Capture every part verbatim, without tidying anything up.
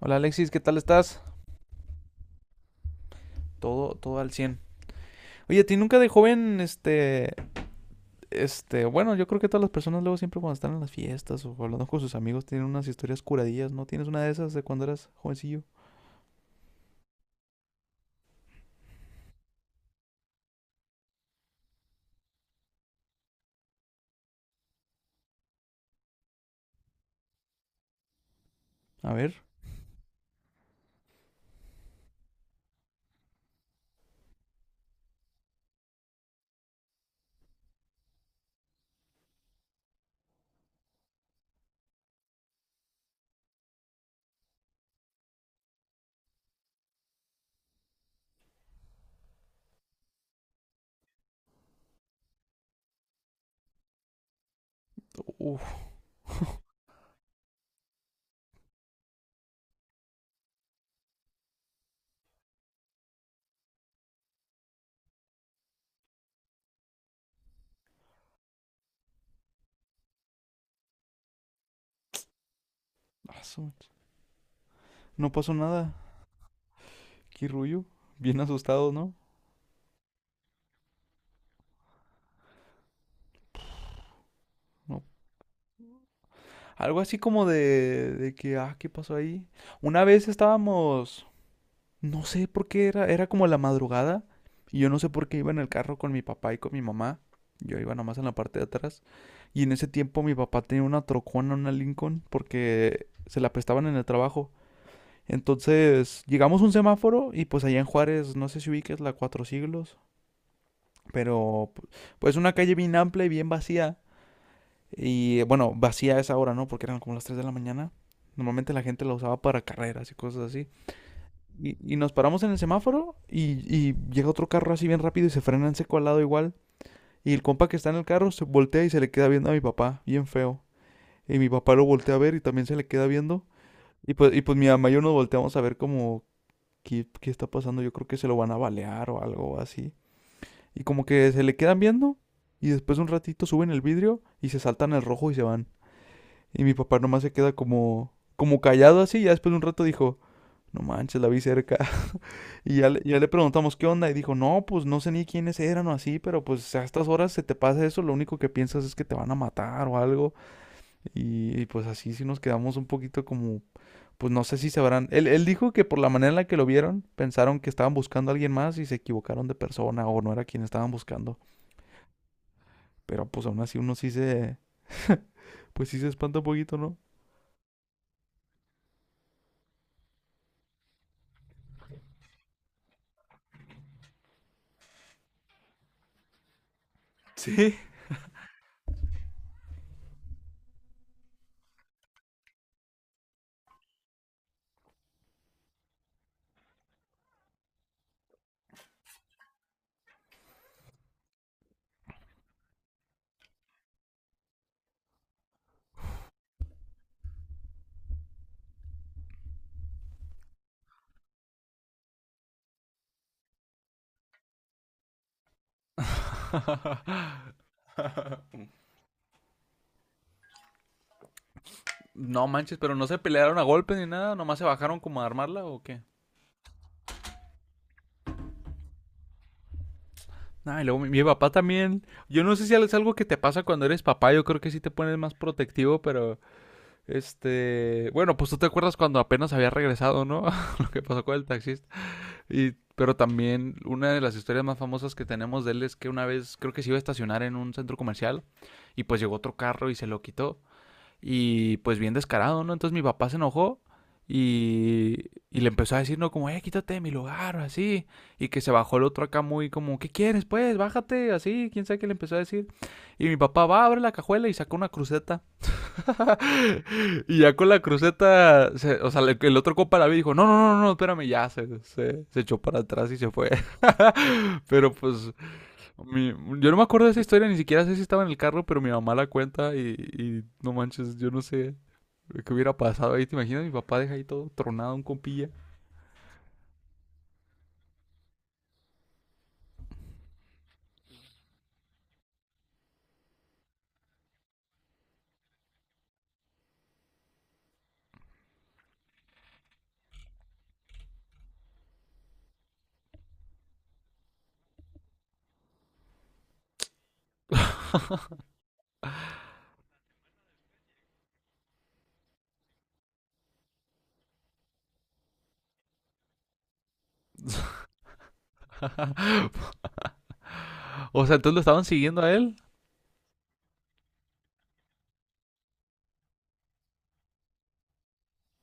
Hola Alexis, ¿qué tal estás? Todo, todo al cien. Oye, ¿a ti nunca de joven, este, este, bueno, yo creo que todas las personas luego siempre cuando están en las fiestas o hablando con sus amigos tienen unas historias curadillas, ¿no? ¿Tienes una de esas de cuando eras jovencillo? A ver. Uf, no pasó nada. Qué rullo. Bien asustados, ¿no? No. Algo así como de, de que, ah, ¿qué pasó ahí? Una vez estábamos. No sé por qué era, era como la madrugada y yo no sé por qué iba en el carro con mi papá y con mi mamá. Yo iba nomás en la parte de atrás, y en ese tiempo mi papá tenía una trocona, una Lincoln, porque se la prestaban en el trabajo. Entonces llegamos a un semáforo y pues allá en Juárez, no sé si ubiques la Cuatro Siglos, pero pu- pues una calle bien amplia y bien vacía. Y bueno, vacía a esa hora, ¿no? Porque eran como las tres de la mañana. Normalmente la gente la usaba para carreras y cosas así. Y, y nos paramos en el semáforo, y, y llega otro carro así bien rápido y se frena en seco al lado igual. Y el compa que está en el carro se voltea y se le queda viendo a mi papá, bien feo. Y mi papá lo voltea a ver y también se le queda viendo. Y pues, y pues mi mamá y yo nos volteamos a ver como qué, qué está pasando. Yo creo que se lo van a balear o algo así. Y como que se le quedan viendo y después un ratito suben el vidrio y se saltan el rojo y se van. Y mi papá nomás se queda como, como callado así. Y ya después de un rato dijo, no manches, la vi cerca. Y ya le, ya le preguntamos qué onda y dijo, no, pues no sé ni quiénes eran o así, pero pues a estas horas se te pasa eso, lo único que piensas es que te van a matar o algo. Y, y, pues así sí nos quedamos un poquito como, pues no sé si se habrán... Él, él dijo que por la manera en la que lo vieron, pensaron que estaban buscando a alguien más y se equivocaron de persona o no era quien estaban buscando. Pero pues aún así uno sí se... Pues sí se espanta un poquito, ¿no? Sí. No manches, pero no se pelearon a golpes ni nada, nomás se bajaron como a armarla o qué. Ah, y luego mi, mi papá también. Yo no sé si es algo que te pasa cuando eres papá. Yo creo que sí te pones más protectivo, pero este. Bueno, pues tú te acuerdas cuando apenas había regresado, ¿no? Lo que pasó con el taxista. Y, pero también una de las historias más famosas que tenemos de él es que una vez creo que se iba a estacionar en un centro comercial y pues llegó otro carro y se lo quitó. Y pues bien descarado, ¿no? Entonces mi papá se enojó y, y le empezó a decir, ¿no? Como, eh, quítate de mi lugar, o así. Y que se bajó el otro acá muy como, ¿qué quieres, pues? Bájate, así. ¿Quién sabe qué le empezó a decir? Y mi papá va, abre la cajuela y saca una cruceta. Y ya con la cruceta, se- o sea, le- el otro compa la vi y dijo, no, no, no, no, no, espérame, ya se, se, se echó para atrás y se fue. Pero pues, mi- yo no me acuerdo de esa historia, ni siquiera sé si estaba en el carro, pero mi mamá la cuenta, y, y no manches, yo no sé. ¿Qué hubiera pasado ahí? ¿Te imaginas? Mi papá deja ahí todo tronado, un compilla. O sea, entonces lo estaban siguiendo a él.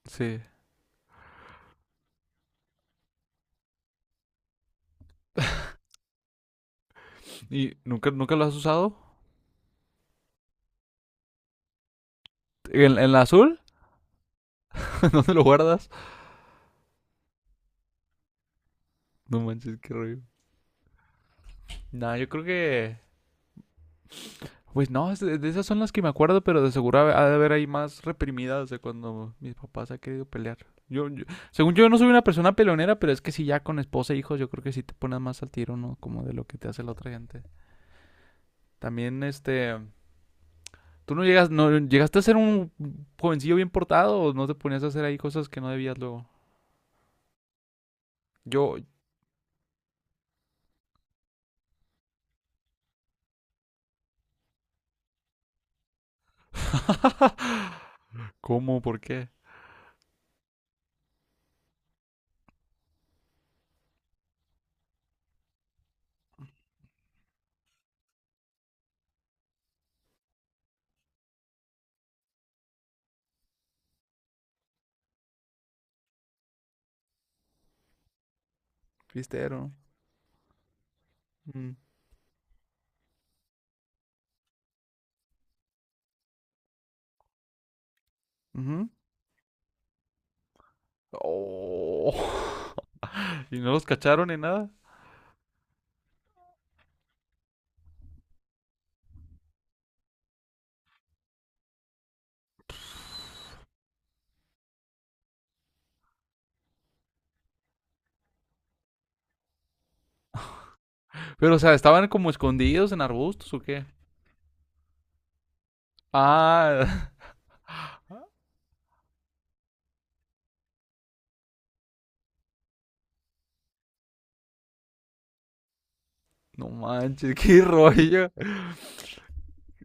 Sí. ¿Y nunca, nunca lo has usado? ¿En, en la azul? ¿Dónde lo guardas? No manches, qué rollo. Nah, yo creo que. Pues no, de esas son las que me acuerdo, pero de seguro ha ha de haber ahí más reprimidas de cuando mis papás han querido pelear. Yo, yo- según yo, no soy una persona peleonera, pero es que si ya con esposa e hijos, yo creo que sí te pones más al tiro, ¿no? Como de lo que te hace la otra gente. También, este. ¿Tú no, llegas, no llegaste a ser un jovencillo bien portado o no te ponías a hacer ahí cosas que no debías luego? Yo. ¿Cómo? ¿Por qué? Cristero. Mm. Ujú. Oh. ¿Y no los cacharon ni nada? Pero, o sea, ¿estaban como escondidos en arbustos o qué? Ah, no manches, qué rollo.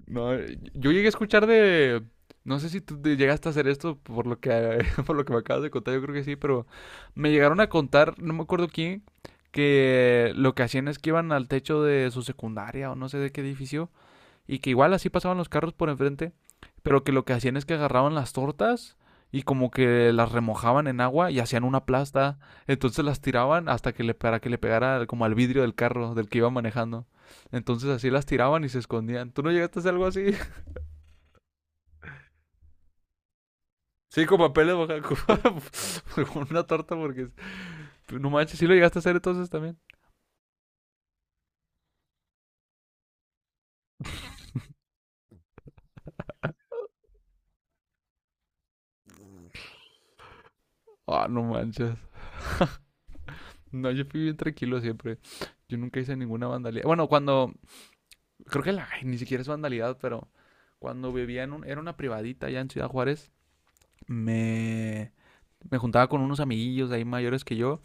No, yo llegué a escuchar de. No sé si tú te llegaste a hacer esto por lo que, por lo que me acabas de contar, yo creo que sí, pero me llegaron a contar, no me acuerdo quién, que lo que hacían es que iban al techo de su secundaria o no sé de qué edificio y que igual así pasaban los carros por enfrente, pero que lo que hacían es que agarraban las tortas y como que las remojaban en agua y hacían una plasta, entonces las tiraban hasta que le para que le pegara como al vidrio del carro del que iba manejando. Entonces así las tiraban y se escondían. ¿Tú no llegaste a hacer algo así? Sí, con papeles baja con una torta porque no manches, sí lo llegaste a hacer entonces también. Ah, no manches. No, yo fui bien tranquilo siempre. Yo nunca hice ninguna vandalía. Bueno, cuando creo que la, ni siquiera es vandalidad, pero cuando vivía en un, era una privadita allá en Ciudad Juárez, me, me juntaba con unos amiguillos ahí mayores que yo.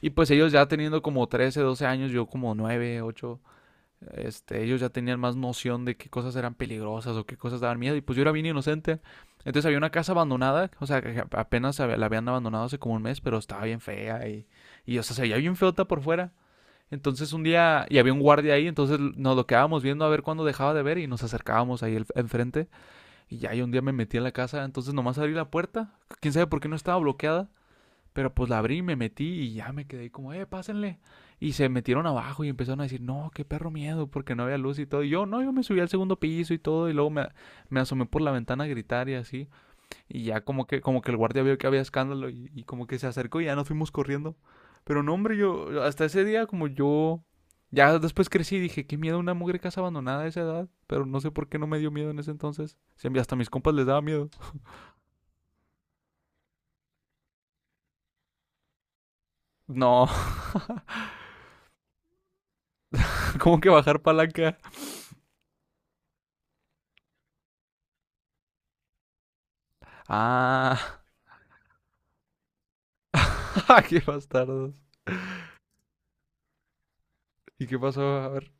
Y pues ellos ya teniendo como trece doce años, yo como nueve ocho, este, ellos ya tenían más noción de qué cosas eran peligrosas o qué cosas daban miedo. Y pues yo era bien inocente. Entonces había una casa abandonada, o sea, que apenas la habían abandonado hace como un mes, pero estaba bien fea y, y o sea, se veía bien feota por fuera. Entonces un día, y había un guardia ahí, entonces nos lo quedábamos viendo a ver cuándo dejaba de ver y nos acercábamos ahí el- enfrente. Y ya, y un día me metí en la casa, entonces nomás abrí la puerta. Quién sabe por qué no estaba bloqueada, pero pues la abrí, me metí y ya me quedé ahí como, eh, pásenle. Y se metieron abajo y empezaron a decir, no, qué perro miedo, porque no había luz y todo. Y yo, no, yo me subí al segundo piso y todo, y luego me, me asomé por la ventana a gritar y así. Y ya como que, como que el guardia vio que había escándalo, y, y como que se acercó y ya nos fuimos corriendo. Pero no, hombre, yo hasta ese día como yo... Ya después crecí y dije, qué miedo una mugre casa abandonada a esa edad. Pero no sé por qué no me dio miedo en ese entonces. Si hasta a mis compas les daba miedo. No. ¿Cómo que bajar palanca? Ah, qué bastardos. ¿Y qué pasó? A ver.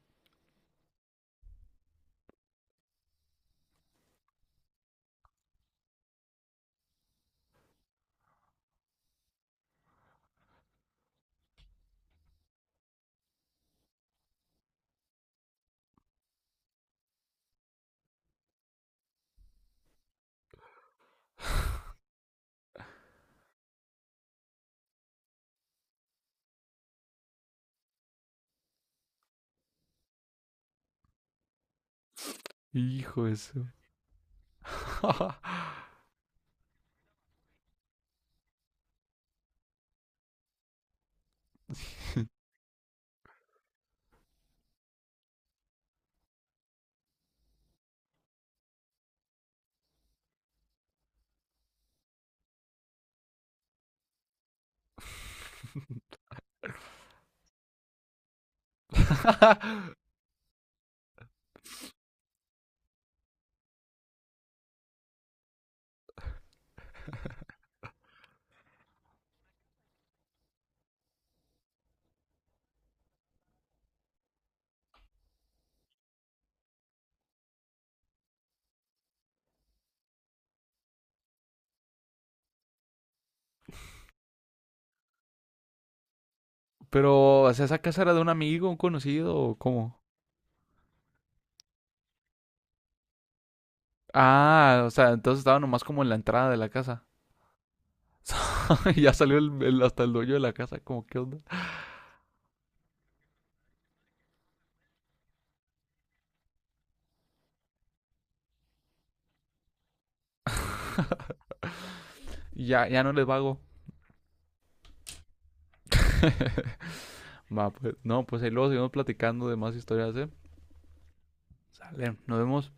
Hijo eso. Pero, o sea, ¿esa casa era de un amigo, un conocido o cómo? Ah, o sea, entonces estaba nomás como en la entrada de la casa. Y ya salió el, el- hasta el dueño de la casa, como, ¿qué onda? Y ya, ya no les vago. Va, pues, no, pues ahí luego seguimos platicando de más historias, ¿eh? Sale, nos vemos.